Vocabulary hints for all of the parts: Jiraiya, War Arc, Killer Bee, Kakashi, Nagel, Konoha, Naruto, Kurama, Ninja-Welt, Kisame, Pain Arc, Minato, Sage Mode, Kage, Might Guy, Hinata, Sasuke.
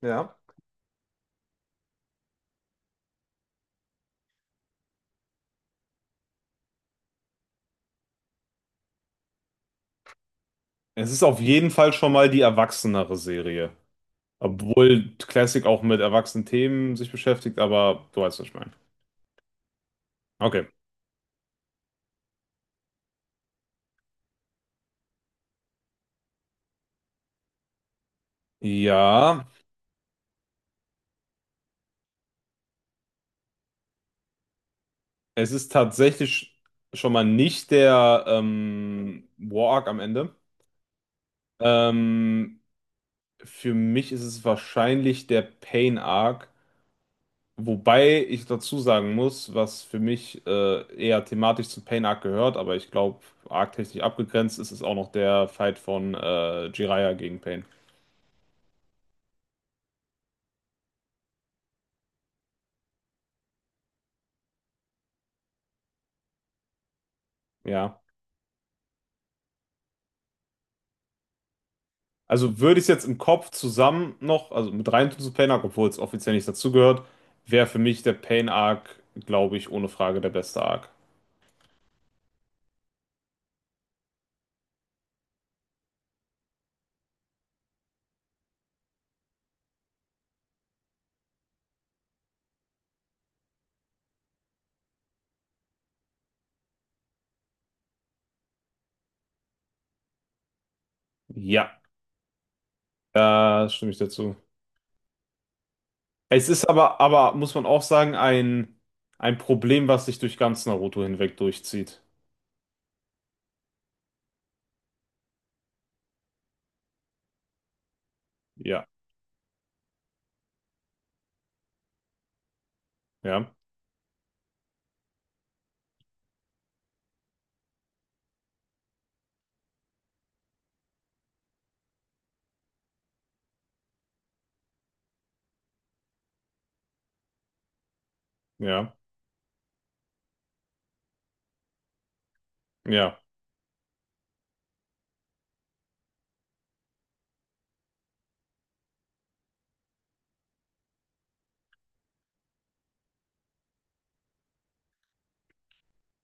Ja. Es ist auf jeden Fall schon mal die erwachsenere Serie. Obwohl Classic auch mit erwachsenen Themen sich beschäftigt, aber du weißt, was ich meine. Okay. Ja, es ist tatsächlich schon mal nicht der War Arc am Ende. Ähm, für mich ist es wahrscheinlich der Pain Arc. Wobei ich dazu sagen muss, was für mich eher thematisch zu Pain Arc gehört, aber ich glaube, arc-technisch abgegrenzt ist es auch noch der Fight von Jiraiya gegen Pain. Ja. Also würde ich es jetzt im Kopf zusammen noch, also mit rein tun zu Pain Arc, obwohl es offiziell nicht dazugehört, wäre für mich der Pain Arc, glaube ich, ohne Frage der beste Arc. Ja, da stimme ich dazu. Es ist aber muss man auch sagen, ein Problem, was sich durch ganz Naruto hinweg durchzieht. Ja, ja, ja, ja,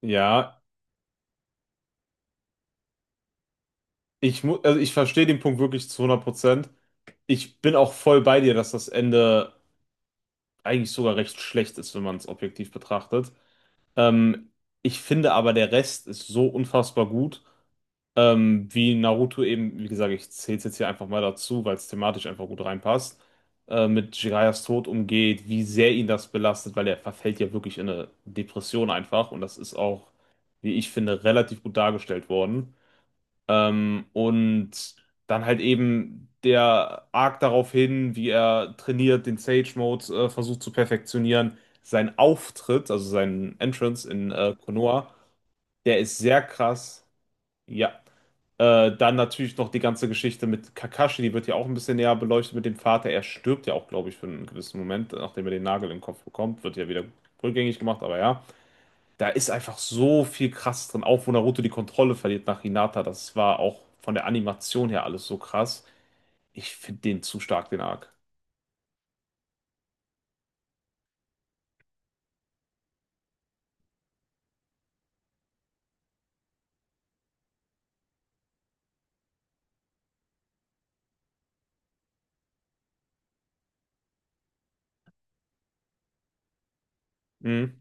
ja. Ich mu also ich verstehe den Punkt wirklich zu 100%. Ich bin auch voll bei dir, dass das Ende eigentlich sogar recht schlecht ist, wenn man es objektiv betrachtet. Ähm, ich finde aber, der Rest ist so unfassbar gut, wie Naruto eben, wie gesagt, ich zähle es jetzt hier einfach mal dazu, weil es thematisch einfach gut reinpasst, mit Jiraias Tod umgeht, wie sehr ihn das belastet, weil er verfällt ja wirklich in eine Depression einfach und das ist auch, wie ich finde, relativ gut dargestellt worden. Und dann halt eben der Arc darauf hin, wie er trainiert, den Sage Mode versucht zu perfektionieren. Sein Auftritt, also sein Entrance in Konoha, der ist sehr krass. Ja. Dann natürlich noch die ganze Geschichte mit Kakashi, die wird ja auch ein bisschen näher beleuchtet mit dem Vater. Er stirbt ja auch, glaube ich, für einen gewissen Moment, nachdem er den Nagel im Kopf bekommt. Wird ja wieder rückgängig gemacht, aber ja. Da ist einfach so viel krass drin, auch wo Naruto die Kontrolle verliert nach Hinata. Das war auch von der Animation her alles so krass. Ich finde den zu stark, den Arc. Mhm.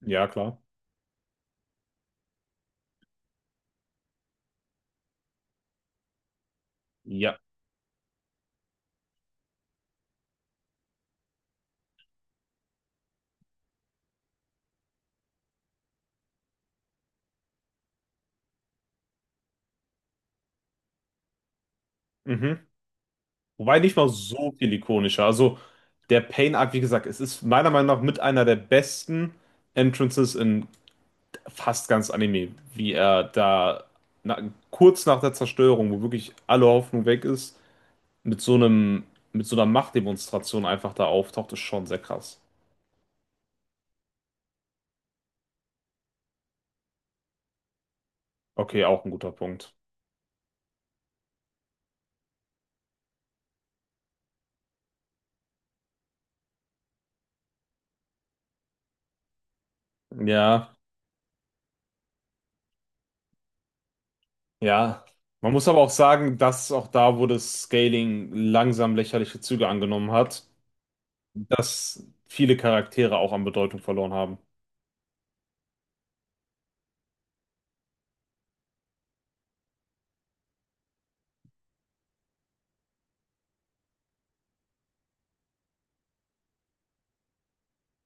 Ja, klar. Ja. Mhm. Wobei nicht mal so viel ikonischer. Also der Pain-Arc, wie gesagt, es ist meiner Meinung nach mit einer der besten Entrances in fast ganz Anime, wie er da na, kurz nach der Zerstörung, wo wirklich alle Hoffnung weg ist, mit so einem, mit so einer Machtdemonstration einfach da auftaucht, ist schon sehr krass. Okay, auch ein guter Punkt. Ja, ja. Man muss aber auch sagen, dass auch da, wo das Scaling langsam lächerliche Züge angenommen hat, dass viele Charaktere auch an Bedeutung verloren haben.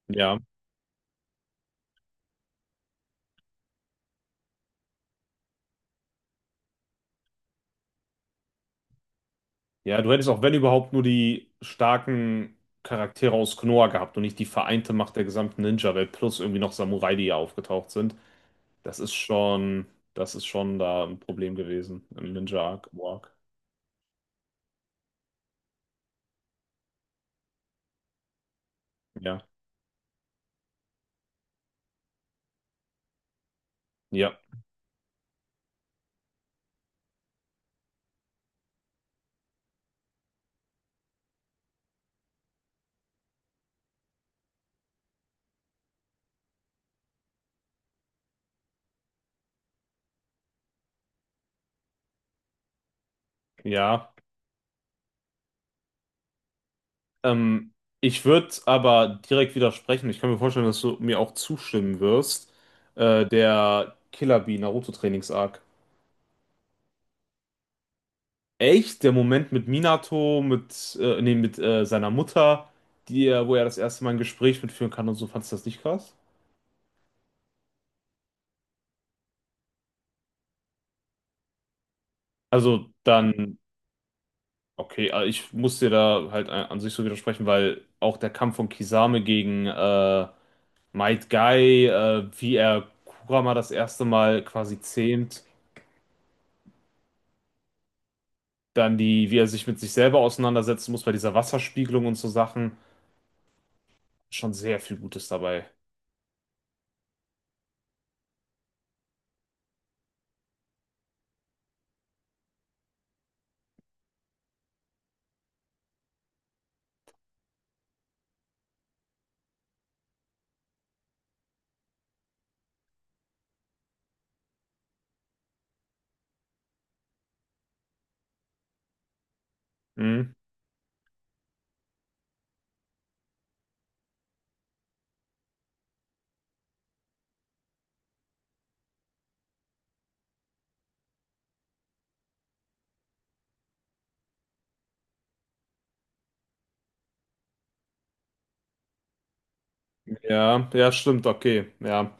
Ja. Ja, du hättest auch, wenn überhaupt, nur die starken Charaktere aus Konoha gehabt und nicht die vereinte Macht der gesamten Ninja-Welt plus irgendwie noch Samurai, die hier aufgetaucht sind. Das ist schon, das ist schon da ein Problem gewesen im Ninja-Arc. Arc. Ja. Ja. Ja. Ähm, ich würde aber direkt widersprechen. Ich kann mir vorstellen, dass du mir auch zustimmen wirst. Der Killer Bee Naruto Trainings Arc. Echt? Der Moment mit Minato, mit, nee, mit seiner Mutter, die, er- wo er das erste Mal ein Gespräch mitführen kann und so, fandest du das nicht krass? Also dann, okay, ich muss dir da halt an an sich so widersprechen, weil auch der Kampf von Kisame gegen Might Guy, wie er Kurama das erste Mal quasi zähmt. Dann die, wie er sich mit sich selber auseinandersetzen muss bei dieser Wasserspiegelung und so Sachen. Schon sehr viel Gutes dabei. Hm? Ja, ja, stimmt, okay. Ja,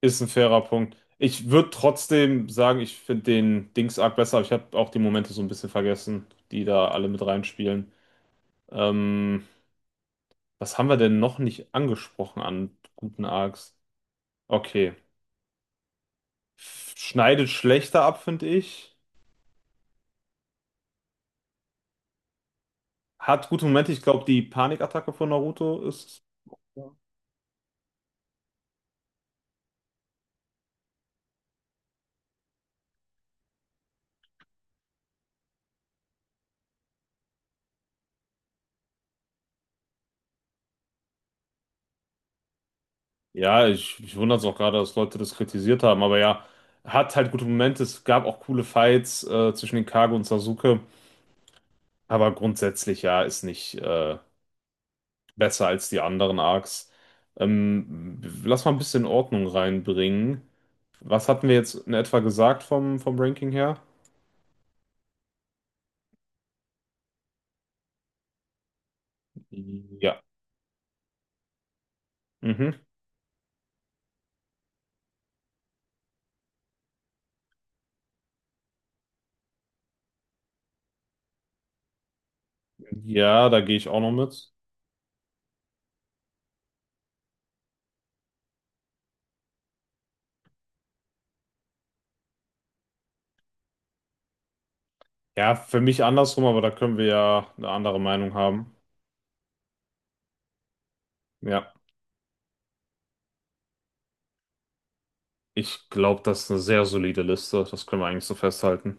ist ein fairer Punkt. Ich würde trotzdem sagen, ich finde den Dings Arc besser, aber ich habe auch die Momente so ein bisschen vergessen, die da alle mit reinspielen. Ähm, was haben wir denn noch nicht angesprochen an guten Arcs? Okay. Schneidet schlechter ab, finde ich. Hat gute Momente. Ich glaube, die Panikattacke von Naruto ist. Ja, ich wundere es auch gerade, dass Leute das kritisiert haben, aber ja, hat halt gute Momente. Es gab auch coole Fights zwischen den Kage und Sasuke, aber grundsätzlich ja, ist nicht besser als die anderen Arcs. Lass mal ein bisschen Ordnung reinbringen. Was hatten wir jetzt in etwa gesagt vom, vom Ranking her? Ja. Mhm. Ja, da gehe ich auch noch mit. Ja, für mich andersrum, aber da können wir ja eine andere Meinung haben. Ja, ich glaube, das ist eine sehr solide Liste. Das können wir eigentlich so festhalten.